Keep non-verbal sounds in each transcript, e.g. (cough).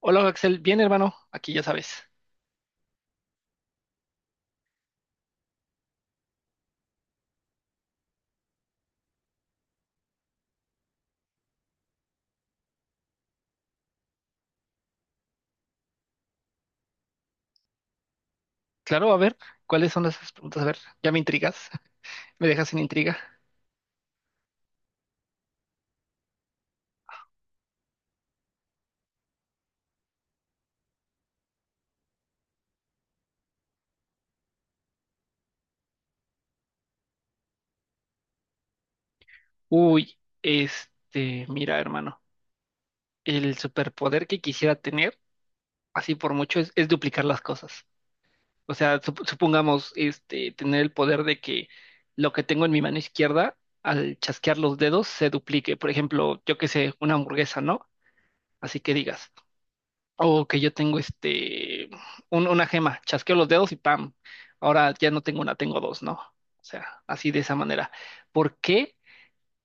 Hola Axel, bien hermano, aquí ya sabes. Claro, a ver, ¿cuáles son las preguntas? A ver, ya me intrigas. (laughs) Me dejas sin intriga. Uy, mira hermano, el superpoder que quisiera tener, así por mucho, es duplicar las cosas. O sea, supongamos, tener el poder de que lo que tengo en mi mano izquierda, al chasquear los dedos, se duplique. Por ejemplo, yo qué sé, una hamburguesa, ¿no? Así que digas. O que yo tengo una gema, chasqueo los dedos y ¡pam! Ahora ya no tengo una, tengo dos, ¿no? O sea, así de esa manera. ¿Por qué?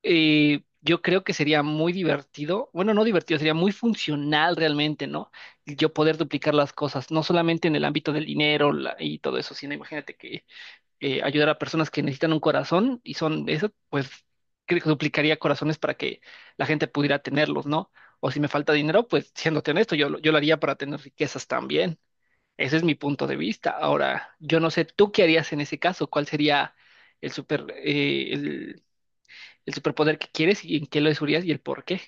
Yo creo que sería muy divertido, bueno, no divertido, sería muy funcional realmente, ¿no? Yo poder duplicar las cosas, no solamente en el ámbito del dinero y todo eso, sino imagínate que ayudar a personas que necesitan un corazón y son eso, pues creo que duplicaría corazones para que la gente pudiera tenerlos, ¿no? O si me falta dinero, pues siéndote honesto, yo lo haría para tener riquezas también. Ese es mi punto de vista. Ahora, yo no sé, ¿tú qué harías en ese caso? ¿Cuál sería el super, eh, el, el superpoder que quieres y en qué lo usarías y el por qué?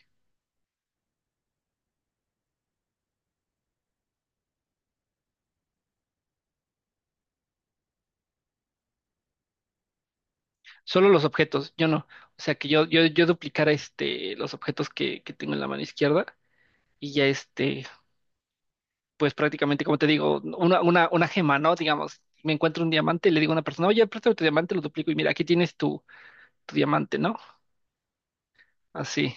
Solo los objetos, yo no. O sea, que yo duplicara los objetos que tengo en la mano izquierda y ya pues prácticamente, como te digo, una gema, ¿no? Digamos, me encuentro un diamante y le digo a una persona, oye, préstame tu diamante, lo duplico y mira, aquí tienes tu diamante, ¿no? Así,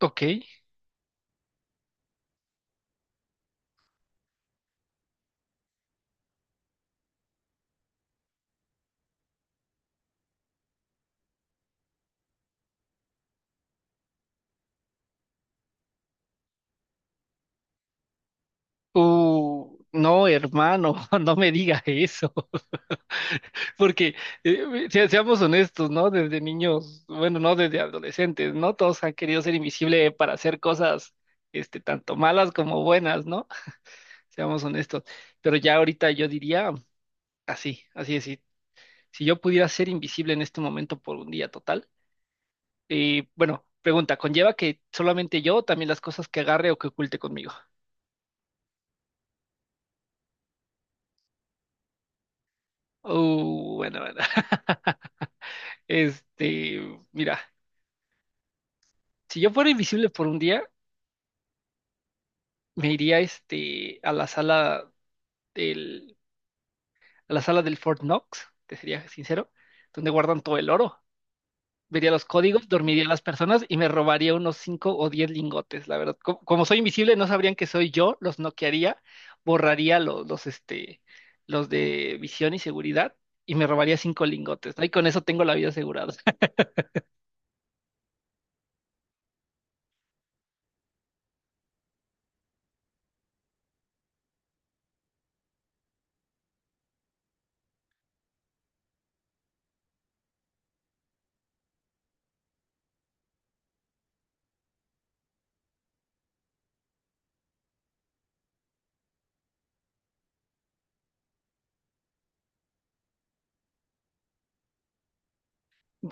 ok. No, hermano, (laughs) no me diga eso, (laughs) porque seamos honestos, ¿no? Desde niños, bueno, no desde adolescentes, ¿no? Todos han querido ser invisible para hacer cosas, tanto malas como buenas, ¿no? Seamos honestos. Pero ya ahorita yo diría, así, así es. Si yo pudiera ser invisible en este momento por un día total. Y bueno, pregunta, ¿conlleva que solamente yo, o también las cosas que agarre o que oculte conmigo? Bueno, bueno. (laughs) Este, Mira, si yo fuera invisible por un día, me iría del a la sala del Fort Knox, te sería sincero, donde guardan todo el oro. Vería los códigos, dormiría a las personas y me robaría unos 5 o 10 lingotes, la verdad. Como soy invisible, no sabrían que soy yo, los noquearía, borraría los de visión y seguridad y me robaría 5 lingotes, ¿no? Y con eso tengo la vida asegurada. (laughs)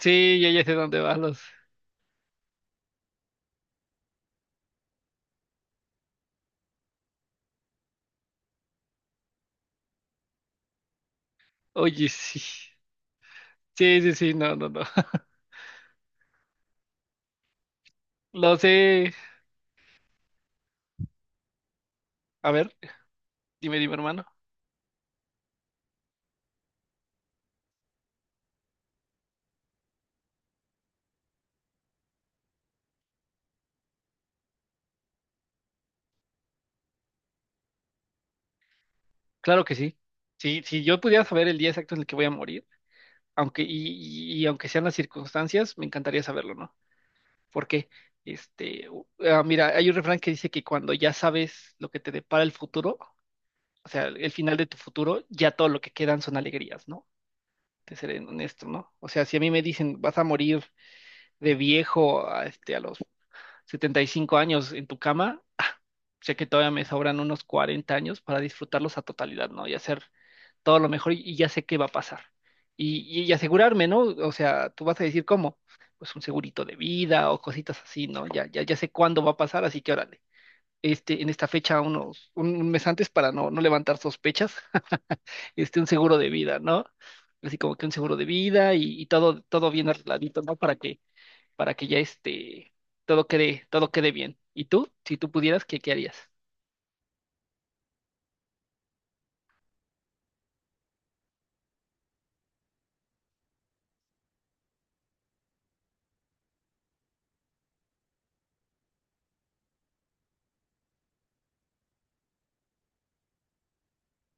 Sí, yo ya sé dónde van los. Oye, sí. Sí, sí, sí, no, no, no. (laughs) Lo sé. A ver, dime, dime, hermano. Claro que sí. Sí, si yo pudiera saber el día exacto en el que voy a morir, aunque y, y aunque sean las circunstancias, me encantaría saberlo, ¿no? Porque mira, hay un refrán que dice que cuando ya sabes lo que te depara el futuro, o sea, el final de tu futuro, ya todo lo que quedan son alegrías, ¿no? Te seré honesto, ¿no? O sea, si a mí me dicen, vas a morir de viejo a los 75 años en tu cama, sé que todavía me sobran unos 40 años para disfrutarlos a totalidad, ¿no? Y hacer todo lo mejor y ya sé qué va a pasar. Y asegurarme, ¿no? O sea, tú vas a decir cómo, pues un segurito de vida o cositas así, ¿no? Ya, ya, ya sé cuándo va a pasar, así que órale. En esta fecha, un mes antes para no levantar sospechas, (laughs) un seguro de vida, ¿no? Así como que un seguro de vida y todo bien arregladito, ¿no? Para que ya todo quede bien. ¿Y tú? Si tú pudieras, ¿qué harías?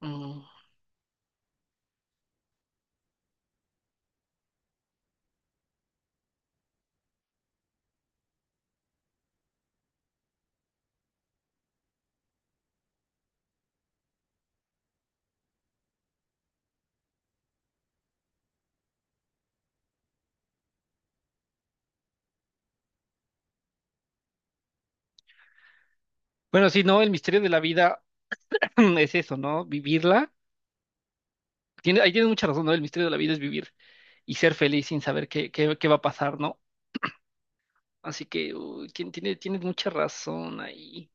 Mm. Bueno, sí, no, el misterio de la vida (clears throat) es eso, ¿no? Vivirla. Ahí tienes mucha razón, ¿no? El misterio de la vida es vivir y ser feliz sin saber qué va a pasar, ¿no? Así que uy, tienes mucha razón ahí.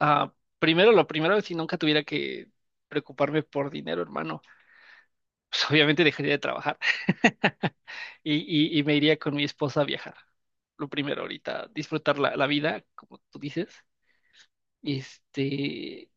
Ah, primero, lo primero, si nunca tuviera que preocuparme por dinero, hermano, pues (laughs) obviamente dejaría de trabajar, (laughs) y, y me iría con mi esposa a viajar. Lo primero ahorita, disfrutar la vida, como tú dices, este,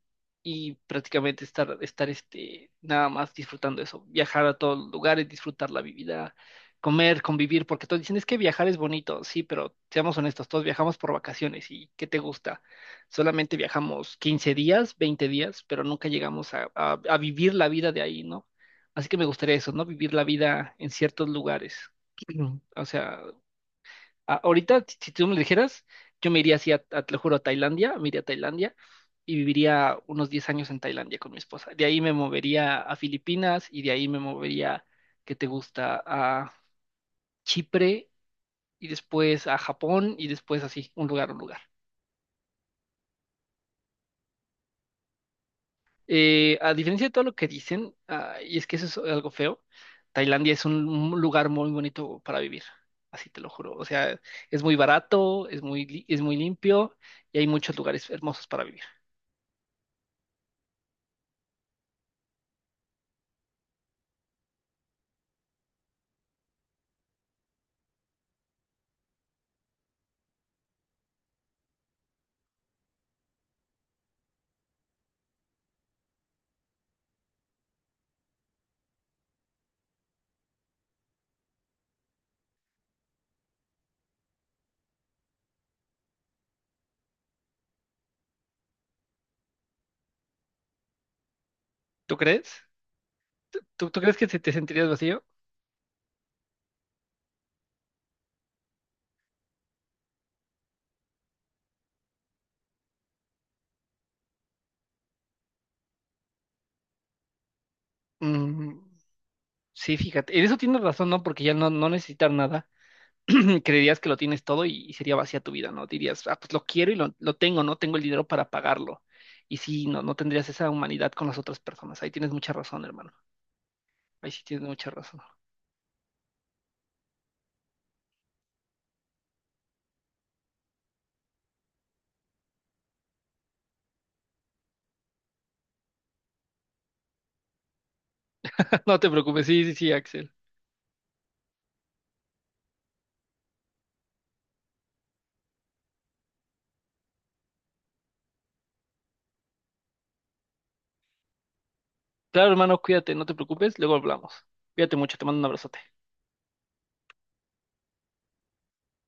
y prácticamente estar, nada más disfrutando eso, viajar a todos los lugares, disfrutar la vida, comer, convivir, porque todos dicen, es que viajar es bonito, sí, pero seamos honestos, todos viajamos por vacaciones y ¿qué te gusta? Solamente viajamos 15 días, 20 días, pero nunca llegamos a vivir la vida de ahí, ¿no? Así que me gustaría eso, ¿no? Vivir la vida en ciertos lugares. (clears throat) O sea, ahorita, si tú me lo dijeras, yo me iría así, te lo juro, a Tailandia, me iría a Tailandia y viviría unos 10 años en Tailandia con mi esposa. De ahí me movería a Filipinas y de ahí me movería, ¿qué te gusta? A Chipre y después a Japón y después así, un lugar, un lugar. A diferencia de todo lo que dicen, ah, y es que eso es algo feo. Tailandia es un lugar muy bonito para vivir, así te lo juro. O sea, es muy barato, es muy limpio y hay muchos lugares hermosos para vivir. ¿Tú crees? ¿Crees que se te sentirías vacío? Mm, sí, fíjate. En eso tienes razón, ¿no? Porque ya no necesitar nada. (clears throat) Creerías que lo tienes todo y sería vacía tu vida, ¿no? Dirías, ah, pues lo quiero y lo tengo, ¿no? Tengo el dinero para pagarlo. Y sí, no tendrías esa humanidad con las otras personas. Ahí tienes mucha razón, hermano. Ahí sí tienes mucha razón. (laughs) No te preocupes, sí, sí, sí, Axel. Claro, hermano, cuídate, no te preocupes, luego hablamos. Cuídate mucho, te mando un abrazote.